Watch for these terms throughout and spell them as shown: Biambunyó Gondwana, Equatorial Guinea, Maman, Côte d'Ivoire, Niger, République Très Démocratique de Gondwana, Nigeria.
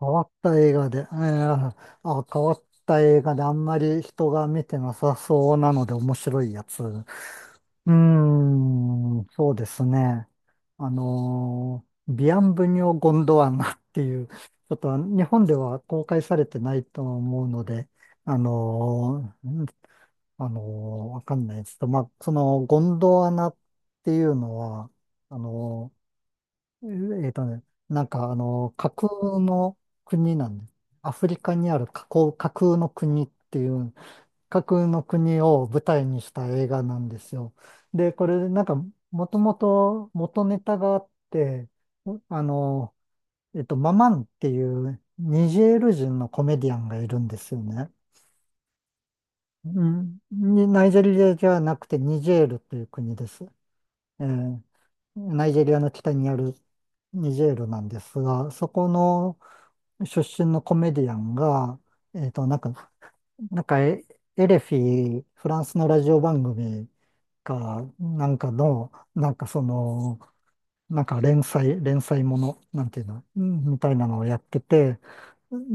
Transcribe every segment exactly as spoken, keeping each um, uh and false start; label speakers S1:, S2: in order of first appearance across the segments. S1: 変わった映画で、えーあ、変わった映画であんまり人が見てなさそうなので面白いやつ。うーん、そうですね。あのービアンブニョ・ゴンドワナっていう、ちょっと日本では公開されてないと思うので、あのーうんあのーわかんないですけど、まあ、そのゴンドワナっていうのは、あのええーとね、なんかあの、架空の国なんです。アフリカにある架空、架空の国っていう、架空の国を舞台にした映画なんですよ。で、これなんか、もともと元ネタがあって、あの、えっと、ママンっていうニジェール人のコメディアンがいるんですよね。うん、にナイジェリアじゃなくてニジェールという国です。えーナイジェリアの北にあるニジェールなんですが、そこの出身のコメディアンが、えっと、なんか、なんかエ、エレフィ、フランスのラジオ番組か、なんかの、なんかその、なんか連載、連載もの、なんていうの、うんみたいなのをやってて、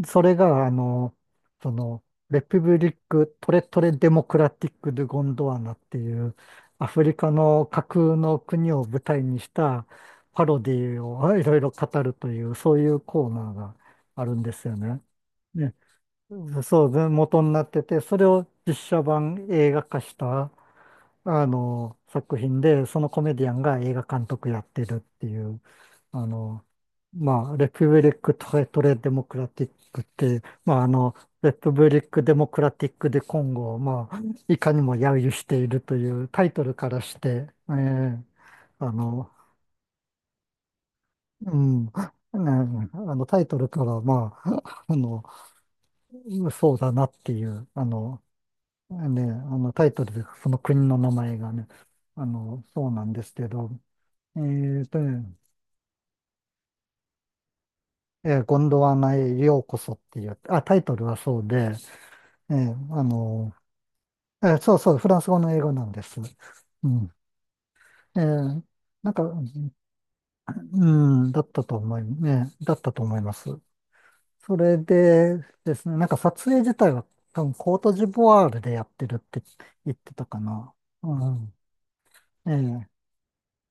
S1: それが、あの、その、レピブリック・トレトレ・デモクラティック・ドゥ・ゴンドワナっていう、アフリカの架空の国を舞台にしたパロディをいろいろ語るという、そういうコーナーがあるんですよね。ね、そう元になってて、それを実写版映画化した、あの、作品で、そのコメディアンが映画監督やってるっていう、あの、まあ、レプブリック・トレトレ・デモクラティックって、まあ、あの、レプブリック・デモクラティック・で今後を、まあ、いかにも揶揄しているというタイトルからして、えーあの、うん、ねあのタイトルから、まあ、あの、そうだなっていう、あの、ね、あの、タイトルでその国の名前がね、あの、そうなんですけど、えーとね、えーゴンドワナへようこそっていう、あ、タイトルはそうで、えーあの、えーそうそう、フランス語の英語なんです。うん。えーなんか、うん、だったと思い、ね、だったと思います。それでですね、なんか撮影自体は多分コートジボワールでやってるって言ってたかな。うん。ええ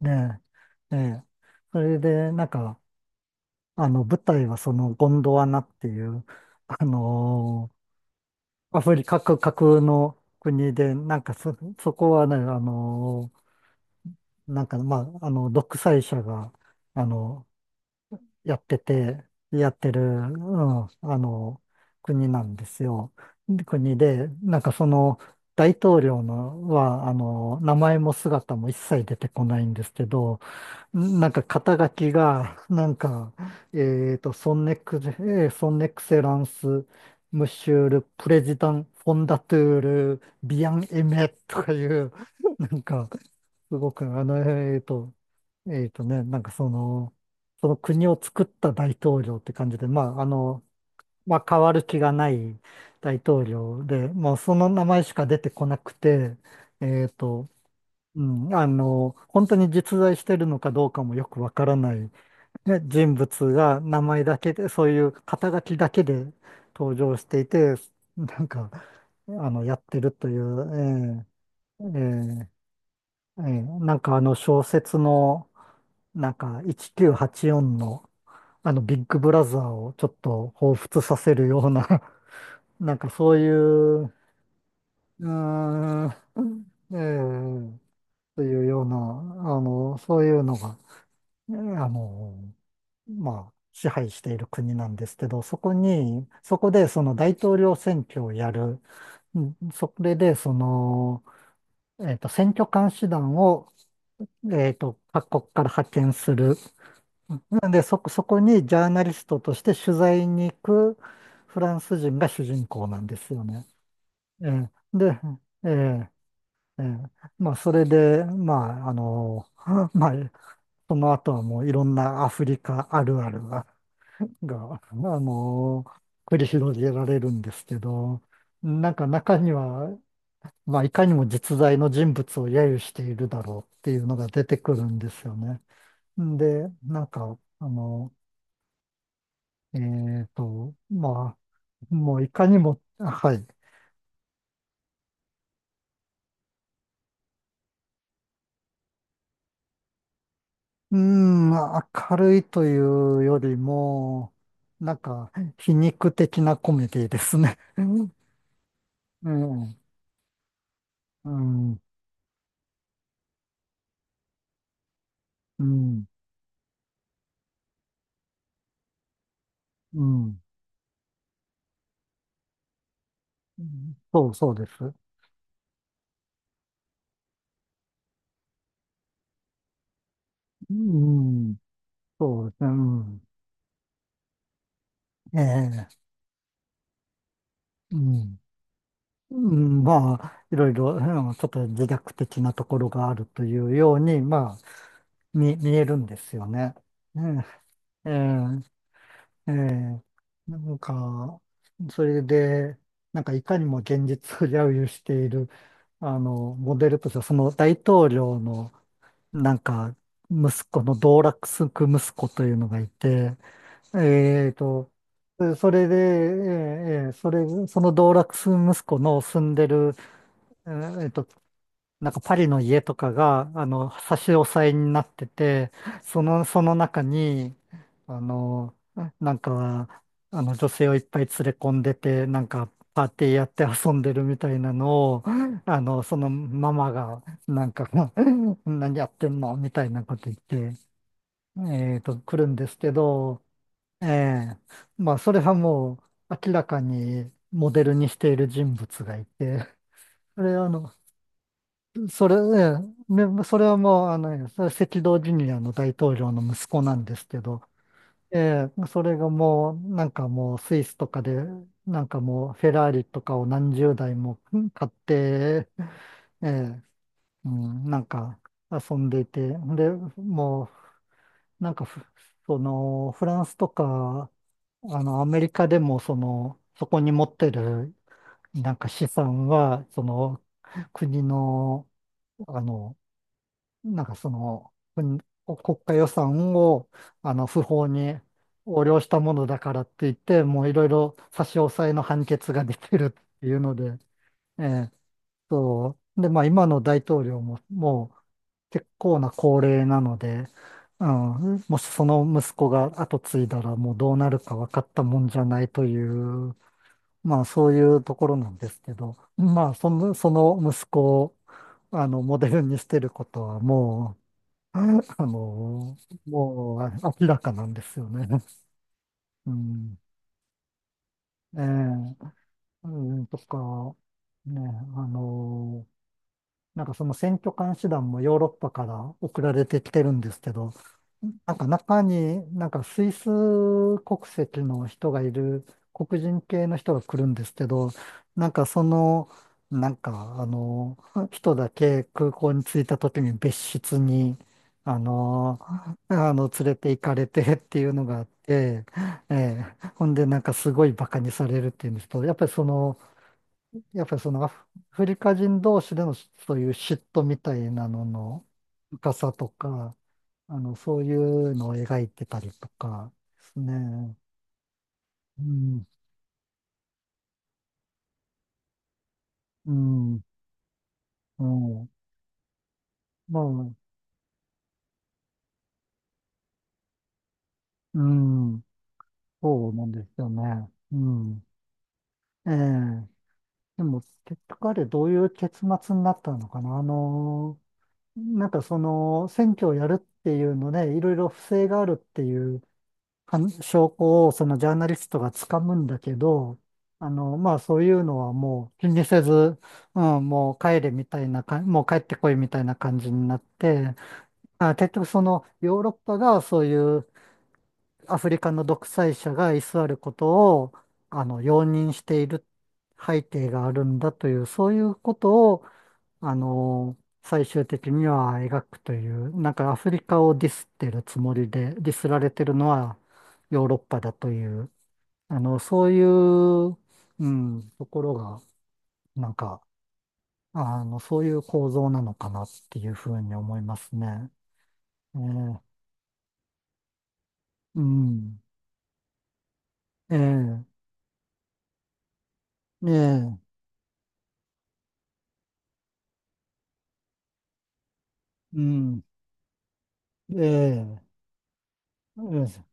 S1: ねえ、ええ。それで、なんか、あの、舞台はそのゴンドワナっていう、あのーアフリカ各国の国で、なんかそ、そこはね、あのーなんか、まあ、あの、独裁者が、あの、やってて、やってる、うん、あの、国なんですよ。で国で、なんかその、大統領のは、あの、名前も姿も一切出てこないんですけど、なんか肩書きが、なんか、えっと、ソンネクゼ、えーソンネクセランス、ムシュール、プレジダン、フォンダトゥール、ビアンエメとかいう、なんか、すごく、あの、えっと、えっとね、なんかその、その国を作った大統領って感じで、まあ、あの、まあ、変わる気がない大統領で、もうその名前しか出てこなくて、えっと、うん、あの、本当に実在してるのかどうかもよくわからない、ね、人物が名前だけで、そういう肩書きだけで登場していて、なんか、あの、やってるという、えーえーえーなんかあの小説の、なんかせんきゅうひゃくはちじゅうよんの、あの、ビッグブラザーをちょっと彷彿させるような、なんかそういう、うーん、えーというような、あの、そういうのが、あの、まあ、支配している国なんですけど、そこに、そこでその大統領選挙をやる、うんそれでその、えっと、選挙監視団を、えっと、各国から派遣する。なんで、そこ、そこにジャーナリストとして取材に行くフランス人が主人公なんですよね。ええで、ええええまあ、それで、まあ、あの、まあ、その後はもういろんなアフリカあるあるがが、あの、繰り広げられるんですけど、なんか中には、まあ、いかにも実在の人物を揶揄しているだろうっていうのが出てくるんですよね。で、なんか、あの、えっと、まあ、もういかにも、はい。うーん、明るいというよりも、なんか、皮肉的なコメディですね。うん、うん、うん、うん。うんそうそうです。うん、そうですね、うん。ええ、うん。うん、まあ、いろいろ、うんちょっと自虐的なところがあるというように、まあ、見、見えるんですよね。ねええ、ええ、なんか、それで、なんかいかにも現実を揶揄している、あの、モデルとしては、その大統領の、なんか、息子の道楽すく息子というのがいて、えーと、えそれで、えーえーそれ、その道楽息子の住んでる、えーえーと、なんかパリの家とかが、あの、差し押さえになってて、その、その中に、あの、なんか、あの、女性をいっぱい連れ込んでて、なんか、パーティーやって遊んでるみたいなのを、あの、そのママが、なんか、何やってんのみたいなこと言って、えーと、来るんですけど、ええ、まあ、それはもう明らかにモデルにしている人物がいて、それはあの、それ、ええね、それはもう、あの、それ赤道ジュニアの大統領の息子なんですけど、ええ、それがもう、なんかもうスイスとかで、なんかもうフェラーリとかを何十台もうん買って、ええ、うん、なんか遊んでいて、で、もうなんかふ、その、フランスとか、あの、アメリカでも、その、そこに持ってる、なんか資産は、その、国の、あの、なんかその、国、国家予算を、あの、不法に横領したものだからって言って、もういろいろ差し押さえの判決が出てるっていうので、ええ、そう。で、まあ今の大統領も、もう、結構な高齢なので、うん、もしその息子が後継いだらもうどうなるか分かったもんじゃないという、まあそういうところなんですけど、まあその、その息子をあのモデルにしてることはもう、あの、もうあ明らかなんですよね。うん、ええうん、とか、ね、あの、なんかその選挙監視団もヨーロッパから送られてきてるんですけど、なんか中に、なんかスイス国籍の人がいる、黒人系の人が来るんですけど、なんかその、なんかあの、人だけ空港に着いた時に別室に、あの、あの、連れて行かれてっていうのがあって、ええ、ほんでなんかすごいバカにされるっていうんですけど、やっぱりその、やっぱりそのアフフリカ人同士でのそういう嫉妬みたいなのの深さとか、あの、そういうのを描いてたりとかですね。うん、うん、うん。まあ、うん、そうなんですよね。うん。ええ。でも、結局あれどういう結末になったのかな。あの、なんかその、選挙をやるっていうので、いろいろ不正があるっていうかん証拠をそのジャーナリストが掴むんだけど、あの、まあそういうのはもう気にせず、うん、もう帰れみたいなか、もう帰ってこいみたいな感じになって、あ、結局そのヨーロッパがそういうアフリカの独裁者が居座ることを、あの、容認している背景があるんだという、そういうことをあの、最終的には描くという、なんかアフリカをディスってるつもりで、ディスられてるのはヨーロッパだという、あの、そういう、うん、ところが、なんか、あの、そういう構造なのかなっていうふうに思いますね。ええうん、ええええうん、ええええ